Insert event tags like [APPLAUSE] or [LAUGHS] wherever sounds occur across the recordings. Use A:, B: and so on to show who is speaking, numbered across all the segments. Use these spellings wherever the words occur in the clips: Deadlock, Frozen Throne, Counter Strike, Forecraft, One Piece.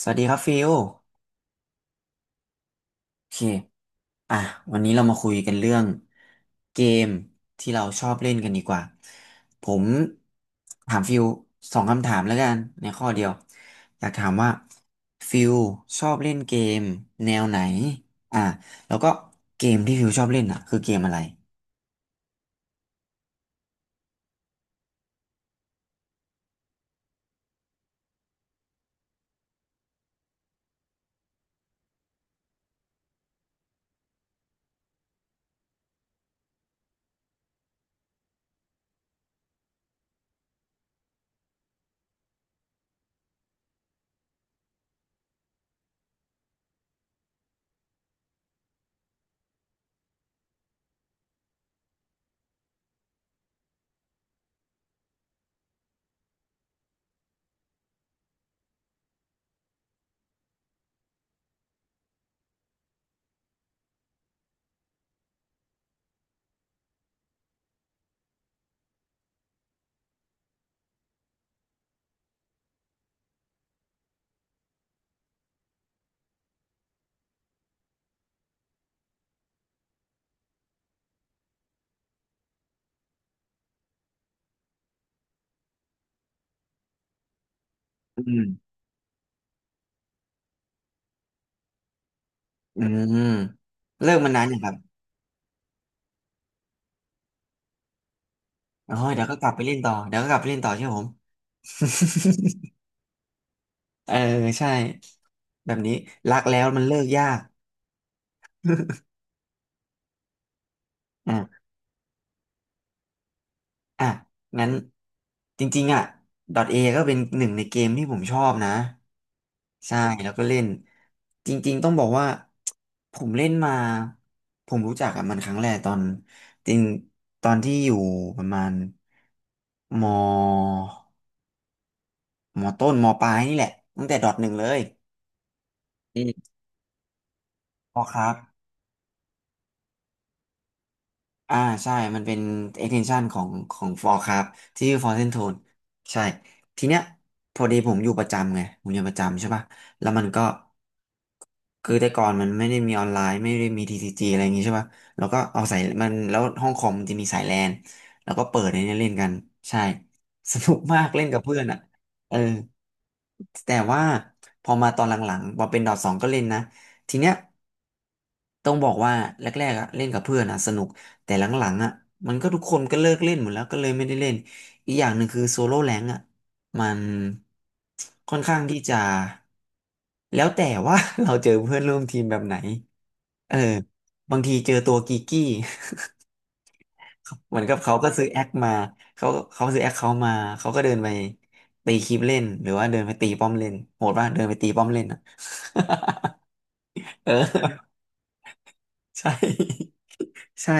A: สวัสดีครับฟิลโอเคอ่ะวันนี้เรามาคุยกันเรื่องเกมที่เราชอบเล่นกันดีกว่าผมถามฟิลสองคำถามแล้วกันในข้อเดียวอยากถามว่าฟิลชอบเล่นเกมแนวไหนอ่ะแล้วก็เกมที่ฟิลชอบเล่นคือเกมอะไรอืมอืมเลิกมานนานอย่างครับโอ้ยเดี๋ยวก็กลับไปเล่นต่อเดี๋ยวก็กลับไปเล่นต่อใช่ไหมผม [LAUGHS] เออใช่แบบนี้รักแล้วมันเลิกยาก อ่ะอ่ะงั้นจริงๆd A ก็เป็นหนึ่งในเกมที่ผมชอบนะใช่แล้วก็เล่นจริงๆต้องบอกว่าผมเล่นมาผมรู้จักกับมันครั้งแรกตอนจริงตอนที่อยู่ประมาณมมต้นมปลายนี่แหละตั้งแต่ดอทหนึ่งเลยอืมพอครับ อ่าใช่ มันเป็น extension ของของ Forecraft ที่ชื่อ Frozen Throne ใช่ทีเนี้ยพอดีผมอยู่ประจำไงผมอยู่ประจำใช่ป่ะแล้วมันก็คือแต่ก่อนมันไม่ได้มีออนไลน์ไม่ได้มี TCG อะไรอย่างงี้ใช่ป่ะแล้วก็เอาสายมันแล้วห้องคอมมันจะมีสายแลนแล้วก็เปิดในเนี้ยเล่นกันใช่ [LAUGHS] สนุกมากเล่นกับเพื่อนเออแต่ว่าพอมาตอนหลังๆพอเป็นดอทสองก็เล่นนะทีเนี้ย ต้องบอกว่าแรกๆเล่นกับเพื่อนสนุกแต่หลังๆมันก็ทุกคนก็เลิกเล่นหมดแล้วก็เลยไม่ได้เล่นอีกอย่างหนึ่งคือโซโล่แรงมันค่อนข้างที่จะแล้วแต่ว่า [LAUGHS] เราเจอเพื่อนร่วมทีมแบบไหนเออบางทีเจอตัวกีกี้ [LAUGHS] เหมือนกับเขาก็ซื้อแอคมาเขาเขาซื้อแอคเขามาเขาก็เดินไปตีคลิปเล่นหรือว่าเดินไปตีป้อมเล่นโหดป่ะเดินไปตีป้อมเล่น [LAUGHS] เออใช่ ใช่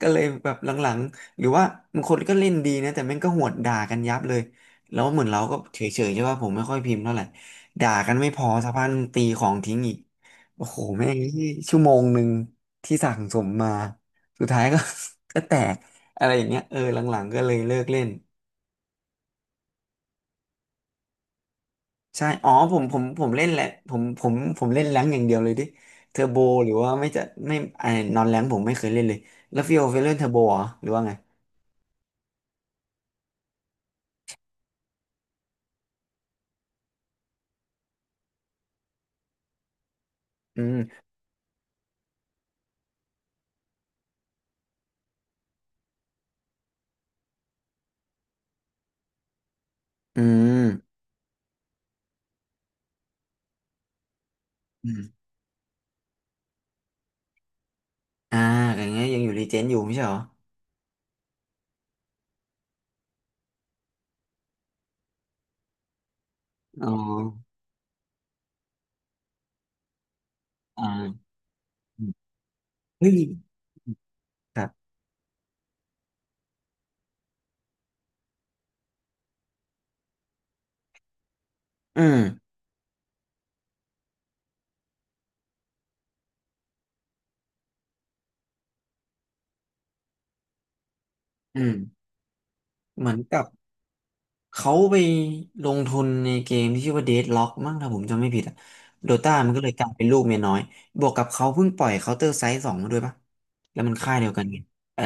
A: ก็เลยแบบหลังๆหรือว่าบางคนก็เล่นดีนะแต่แม่งก็หวดด่ากันยับเลยแล้วเหมือนเราก็เฉยๆใช่ป่ะผมไม่ค่อยพิมพ์เท่าไหร่ด่ากันไม่พอสักพักตีของทิ้งอีกโอ้โหแม่งชั่วโมงหนึ่งที่สั่งสมมาสุดท้ายก็ [LAUGHS] ก็แตกอะไรอย่างเงี้ยเออหลังๆก็เลยเลิกเล่นใช่อ๋อผมเล่นแหละผมเล่นแรงค์อย่างเดียวเลยดิเทอร์โบหรือว่าไม่จะไม่ไอ้นอนแรงค์ผมไม่เคยเล่นเลยแล้วฟิโอเคยเล่นเทอร์โบเหรอหรือว่าไงอืมอืม อืมอ่าอย่างเงี้ยยังอยู่รีเจนอยู่ไม่ใช่เหรออ๋ออ่าอืมเฮ้ยครับอืมอืมเหมือนกับเขาไปลงทุนในเกมที่ชื่อว่า Deadlock มั้งถ้าผมจำไม่ผิดโดต้ามันก็เลยกลายเป็นลูกเมียน้อยบวกกับเขาเพิ่งปล่อย Counter Strike สองมาด้วยปะแล้วมันค่ายเดียวกันไงเออ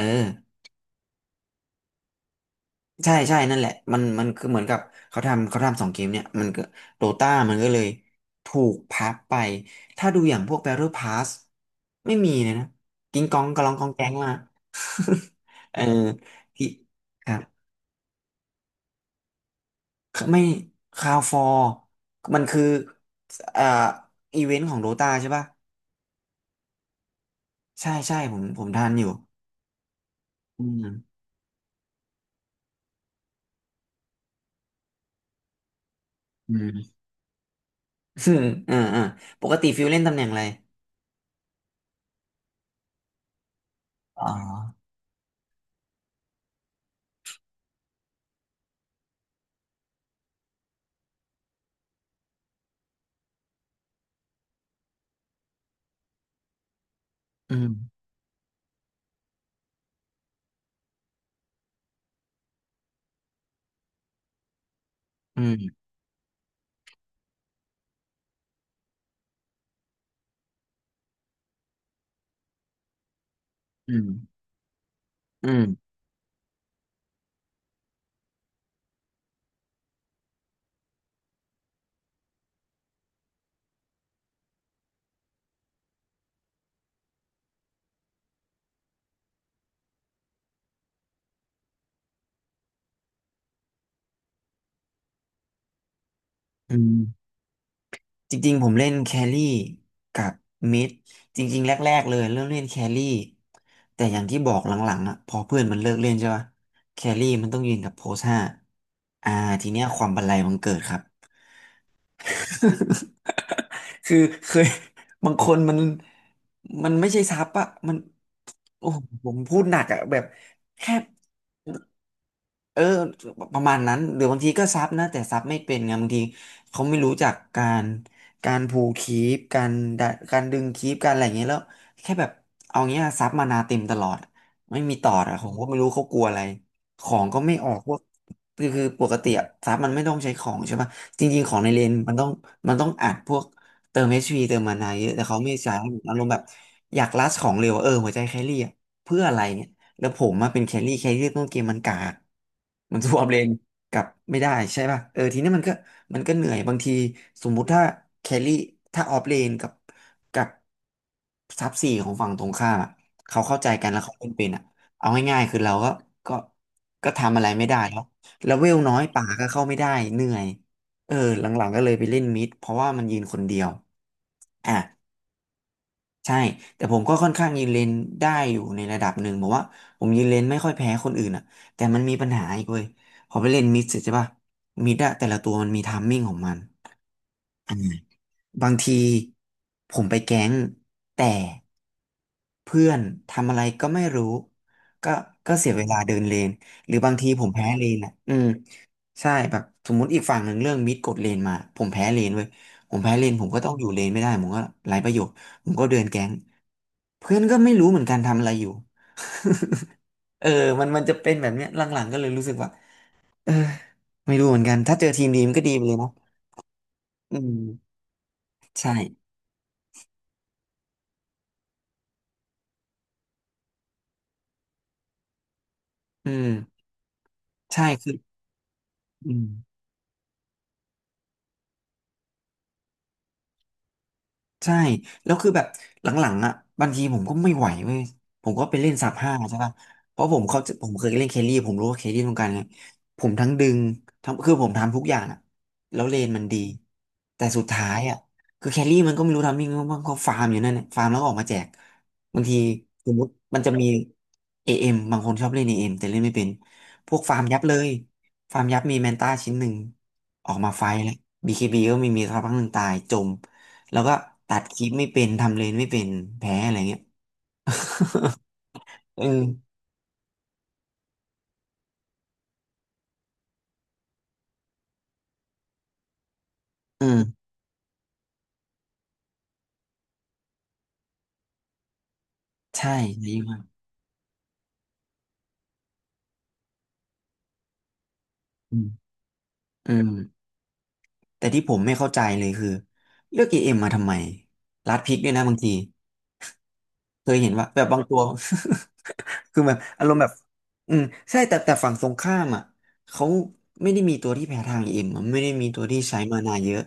A: ใช่ใช่นั่นแหละมันคือเหมือนกับเขาทำสองเกมเนี่ยมันก็โดตามันก็เลยถูกพับไปถ้าดูอย่างพวก Battle Pass ไม่มีเลยนะกิ้งก้องกะลองกองแก๊งมา [LAUGHS] เออที่ครับไม่คาวฟอร์มันคือเอ่ออีเวนต์ของโดตาใช่ป่ะใช่ใช่ผมทันอยู่อืมอืม [LAUGHS] อืมอ่าปกติฟิวเล่นตำแหน่งอะไรอ๋ออืมอืมอืมอืมอืม จริงๆผมเล่นแครี่กับมิดจริงๆแรกๆเลยเริ่มเล่นแครี่แต่อย่างที่บอกหลังๆพอเพื่อนมันเลิกเล่นใช่ปะแครี่มันต้องยืนกับโพสห้าอ่าทีเนี้ยความบันไลมันเกิดครับ [LAUGHS] คือเคยบางคนมันมันไม่ใช่ซับมันโอ้โหผมพูดหนักแบบแค่เออประมาณนั้นหรือบางทีก็ซับนะแต่ซับไม่เป็นไงบางทีเขาไม่รู้จักการการพูลคีปการดะการดึงคีปการอะไรอย่างเงี้ยแล้วแค่แบบเอาเงี้ยซับมานาเต็มตลอดไม่มีต่อผมก็ไม่รู้เขากลัวอะไรของก็ไม่ออกพวกคือคือปกติซับมันไม่ต้องใช้ของใช่ปะ จริงๆของในเลนมันต้องมันต้องอัดพวกเติม h ีเติมมานาเยอะแต่เขาไม่ใช้อารมณ์แบบอยากลัดของเร็วเออหัวใจแครี่เพื่ออะไรเนี่ยแล้วผมมาเป็นแครี่แครี่ต้องเกมมันกากมันสวอปเลนกลับไม่ได้ใช่ป่ะเออทีนี้มันก็มันก็เหนื่อยบางทีสมมุติถ้าแครี่ถ้าออฟเลนกับกับซับสี่ของฝั่งตรงข้ามเขาเข้าใจกันแล้วเขาเล่นเป็นเอาง่ายๆคือเราก็ก็ก็ทำอะไรไม่ได้แล้วแล้วเวลน้อยป่าก็เข้าไม่ได้เหนื่อย เออหลังๆก็เลยไปเล่นมิดเพราะว่ามันยืนคนเดียวอ่ะใช่แต่ผมก็ค่อนข้างยืนเลนได้อยู่ในระดับหนึ่งบอกว่าผมยืนเลนไม่ค่อยแพ้คนอื่นอ่ะแต่มันมีปัญหาอีกเว้ยพอไปเล่นมิดเสร็จใช่ป่ะมิดอะแต่ละตัวมันมีไทัมมิ่งของมันอ่าบางทีผมไปแก๊งแต่เพื่อนทำอะไรก็ไม่รู้ก็ก็เสียเวลาเดินเลนหรือบางทีผมแพ้เลนอ่ะอืม ใช่แบบสมมุติอีกฝั่งหนึ่งเรื่องมิดกดเลนมาผมแพ้เลนเว้ยผมแพ้เลนผมก็ต้องอยู่เลนไม่ได้ผมก็ไร้ประโยชน์ผมก็เดินแก๊งเพื่อนก็ไม่รู้เหมือนกันทำอะไรอยู่ [LAUGHS] เออมันจะเป็นแบบเนี้ยหลังๆก็เลยรู้สึกว่าเออไม่รู้เหมือนกันถ้าเจอทีมดีมันก็ดีไปเลยเนาะอืมใช่อืมใช่คืออืม ใช่แล้วคือแบบหลังๆอ่ะบางทีผมก็ไม่ไหวเว้ยผมก็ไปเล่นสับห้าใช่ป่ะเพราะผมเขาผมเคยเล่นเคลลี่ผมรู้ว่าเคลลี่ต้องการไงผมทั้งดึงทั้งคือผมทำทุกอย่างอ่ะแล้วเลนมันดีแต่สุดท้ายอ่ะคือแคลรี่มันก็ไม่รู้ทำยังไงบ้างเขาฟาร์มอยู่นั่นแหละฟาร์มแล้วก็ออกมาแจกบางทีสมมติมันจะมีเอเอ็มบางคนชอบเล่นเอเอ็มแต่เล่นไม่เป็นพวกฟาร์มยับเลยฟาร์มยับมีแมนต้าชิ้นหนึ่งออกมาไฟแล้วบีเคบีก็ไม่มีสักพักหนึ่งตายจม แล้วก็ตัดคลิปไม่เป็นทำเลนไม่เป็นแพ้อะไรเงี้ยเอออืมใช่ใช่มากอืมอืมแต่ที่ผมไม่เข้าใจเลยคือเลือกเอเอ็มมาทำไมรัดพริกด้วยนะบางทีเคยเห็นว่าแบบบางตัว [LAUGHS] คือแบบอารมณ์แบบอืมใช่แต่ฝั่งตรงข้ามอ่ะเขาไม่ได้มีตัวที่แพ้ทาง EM อเอ็มอะไม่ได้มีตัวที่ใช้มานาเยอะ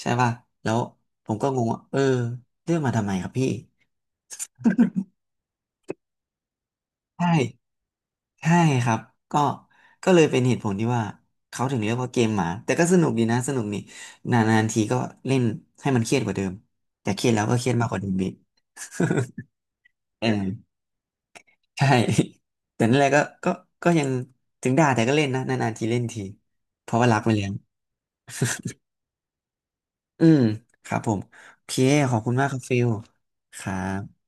A: ใช่ป่ะแล้วผมก็งงว่าเออเลือกมาทำไมครับพี่ใช่ ใช่ครับก็ก็เลยเป็นเหตุผลที่ว่าเขาถึงเรียกว่าเกมหมาแต่ก็สนุกดีนะสนุกนี่นานๆทีก็เล่นให้มันเครียดกว่าเดิมแต่เครียดแล้วก็เครียดมากกว่าเดิมอีกเออใช่ [LAUGHS] แต่นั่นแหละก็ยังถึงด่าแต่ก็เล่นนะนานๆทีเล่นทีเพราะว่ารักไปเล้ยงอืมครับผมโอเคขอบคุณมากครับฟิลครับ